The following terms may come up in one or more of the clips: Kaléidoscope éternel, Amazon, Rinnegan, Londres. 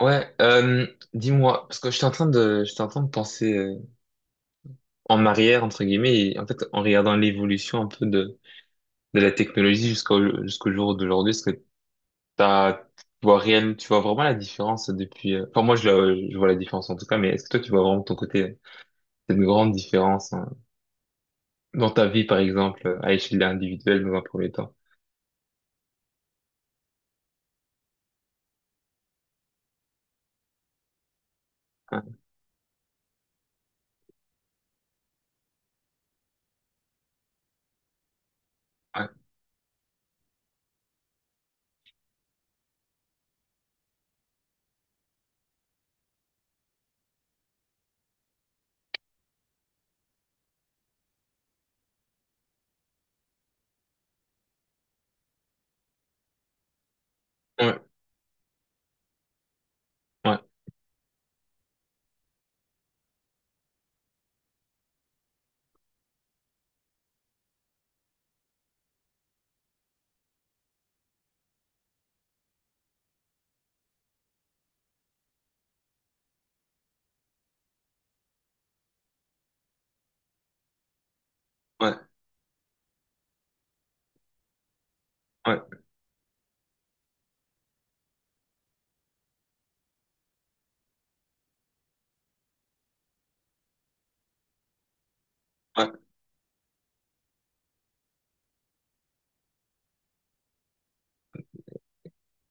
Ouais, dis-moi, parce que j'étais en train de penser en arrière, entre guillemets, et en fait, en regardant l'évolution un peu de la technologie jusqu'au jour d'aujourd'hui, est-ce que tu vois tu vois vraiment la différence depuis, enfin, je vois la différence en tout cas, mais est-ce que toi, tu vois vraiment de ton côté cette grande différence hein, dans ta vie, par exemple, à échelle individuelle dans un premier temps? Ouais, ouais, ouais, ouais, ouais, ouais, ouais,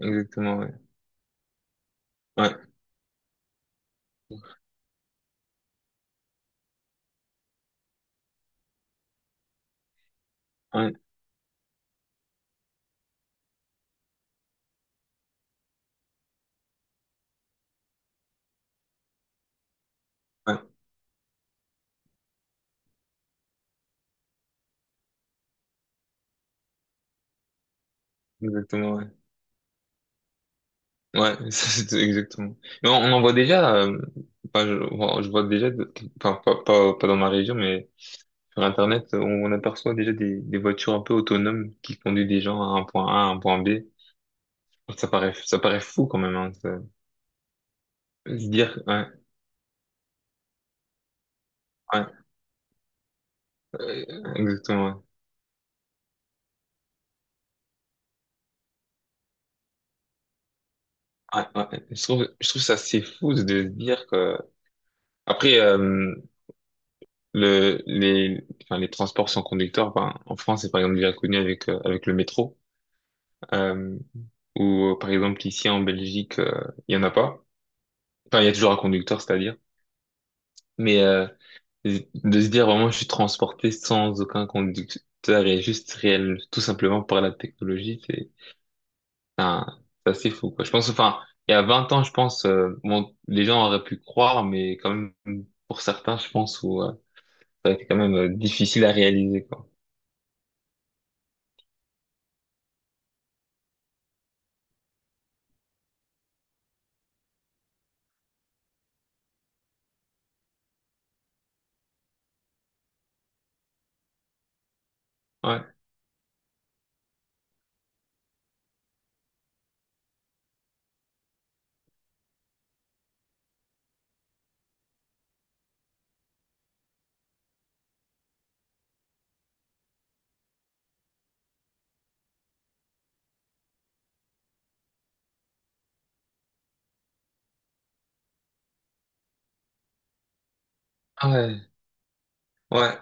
exactement, ouais, ouais, ouais, ouais, exactement, ouais. Ouais, ça, c'est exactement. Mais on en voit déjà, enfin, je vois déjà, enfin, pas dans ma région, mais sur Internet, on aperçoit déjà des voitures un peu autonomes qui conduisent des gens à un point A, à un point B. Ça paraît fou quand même, hein, ça. Se dire, ouais, ouais, euh, exactement. Ouais, ouais, ouais. Je trouve ça assez fou de se dire que, après, enfin, les transports sans conducteur, enfin, en France, c'est par exemple déjà connu avec, avec le métro. euh, Où, par exemple, ici en Belgique, il y en a pas. Enfin, il y a toujours un conducteur, c'est-à-dire. Mais de se dire vraiment, je suis transporté sans aucun conducteur et juste réel, tout simplement par la technologie, un- c'est assez fou, quoi. Je pense, enfin, il y a 20 ans, je pense, bon, les gens auraient pu croire, mais quand même, pour certains, je pense, où, ça a été quand même difficile à réaliser, quoi. Ouais. Ah ouais, ouais,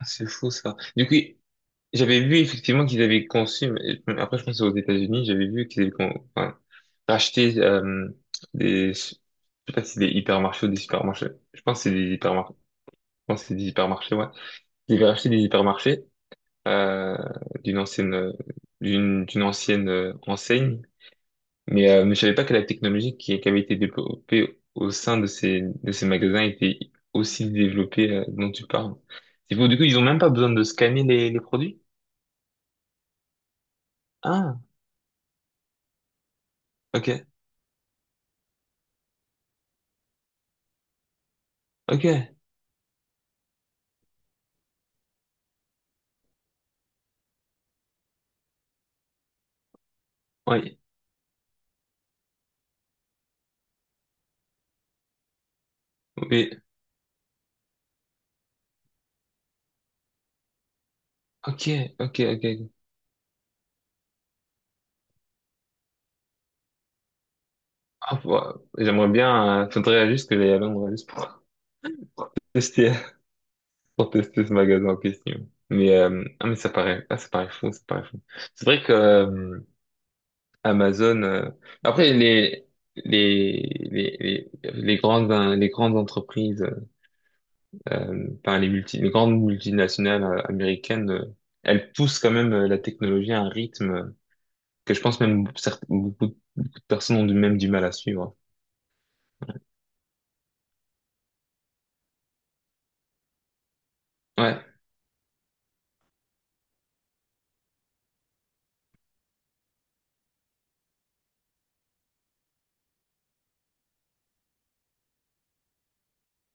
ah, c'est fou ça. Du coup, j'avais vu effectivement qu'ils avaient conçu, mais après je pense que c'est aux États-Unis, j'avais vu enfin, racheté des, je sais pas si c'est des hypermarchés ou des supermarchés. Je pense que c'est des hypermarchés. Je pense que c'est des hypermarchés, ouais. Ils avaient racheté des hypermarchés euh, d'une ancienne, d'une ancienne enseigne, mais je savais pas que la technologie qui avait été développée au sein de ces magasins était aussi développée dont tu parles. C'est fou. Du coup, ils ont même pas besoin de scanner les produits. Ah, ok, ok, oui, oui, ok, ok, ok. Ok. Ah, bah, j'aimerais bien, faudrait juste que j'aille à Londres juste pour tester, pour tester ce magasin en question. Mais, mais ça paraît, ça paraît fou, ça paraît fou. C'est vrai que Amazon, après les, les grandes entreprises, par les grandes multinationales américaines, elles poussent quand même la technologie à un rythme. Que je pense même beaucoup, beaucoup de personnes ont même du mal à suivre. Ouais,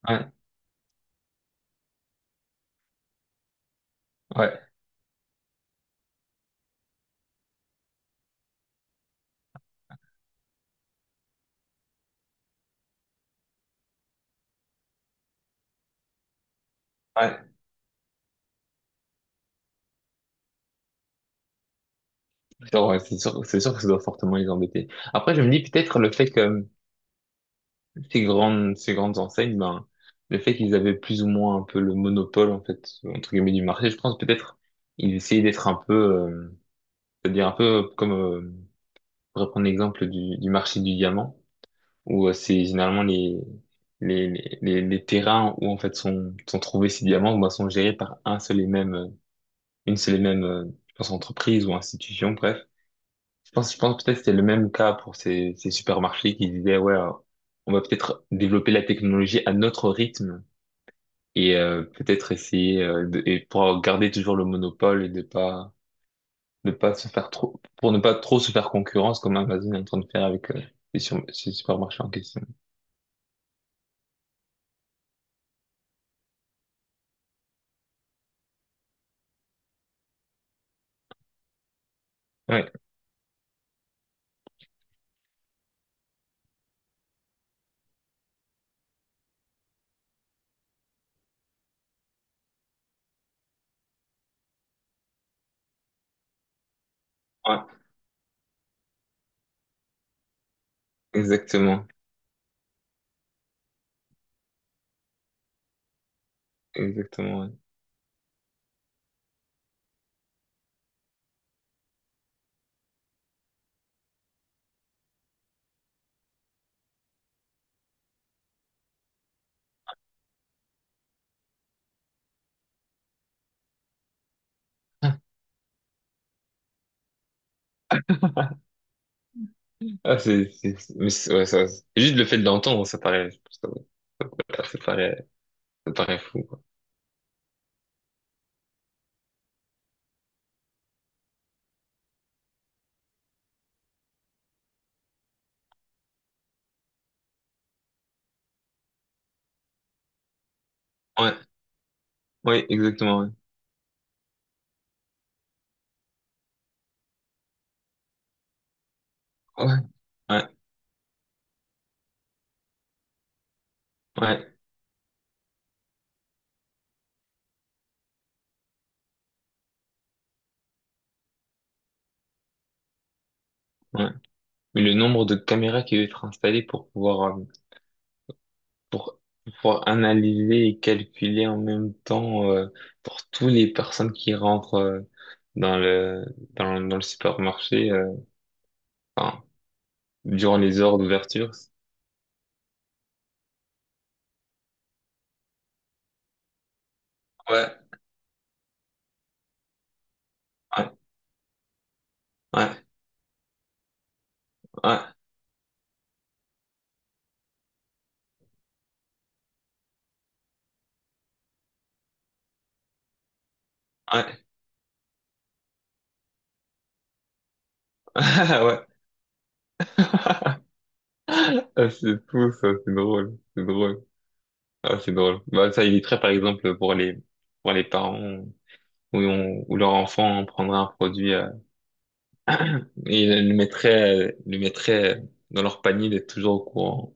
ouais, ouais, ouais. C'est sûr, ouais, c'est sûr que ça doit fortement les embêter. Après, je me dis peut-être le fait que ces grandes enseignes, ben, le fait qu'ils avaient plus ou moins un peu le monopole, en fait, entre guillemets, du marché, je pense peut-être ils essayaient d'être un peu, c'est-à-dire un peu pour reprendre l'exemple du marché du diamant, où c'est généralement les terrains où en fait sont trouvés ces diamants ben, sont gérés par un seul et même une seule et même, je pense, entreprise ou institution, bref. Je pense peut-être que c'était le même cas pour ces supermarchés qui disaient, ouais, on va peut-être développer la technologie à notre rythme et peut-être essayer et pour garder toujours le monopole et de pas se faire trop pour ne pas trop se faire concurrence comme Amazon est en train de faire avec ces supermarchés en question. Ouais, ouais, exactement, exactement. Ouais. Ah, c'est- ouais, ça, c'est- juste le fait de l'entendre, paraît, ça paraît fou, quoi. Ouais. Oui, exactement. Ouais. Ouais, ouais, ouais. Ouais. Mais le nombre de caméras qui doivent être installées pour, pour pouvoir analyser et calculer en même temps pour toutes les personnes qui rentrent dans le, dans le supermarché enfin, durant les heures d'ouverture. Ouais, ouais, ouais, ouais, ouais. Ah ouais. Ah, c'est fou, ça, c'est drôle, c'est drôle. Ah, c'est drôle. Bah, ça éviterait par exemple pour les parents. Où, où leur enfant prendrait un produit le mettrait dans leur panier d'être toujours au courant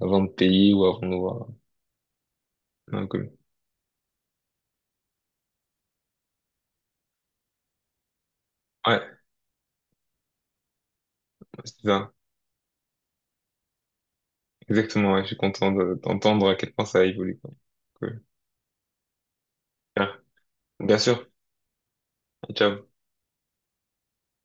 avant de payer ou avant de voir un colis. Ouais, c'est ça. Exactement, ouais, je suis content d'entendre à quel point ça a évolué. Quoi. Cool. Bien Bien sûr, ciao.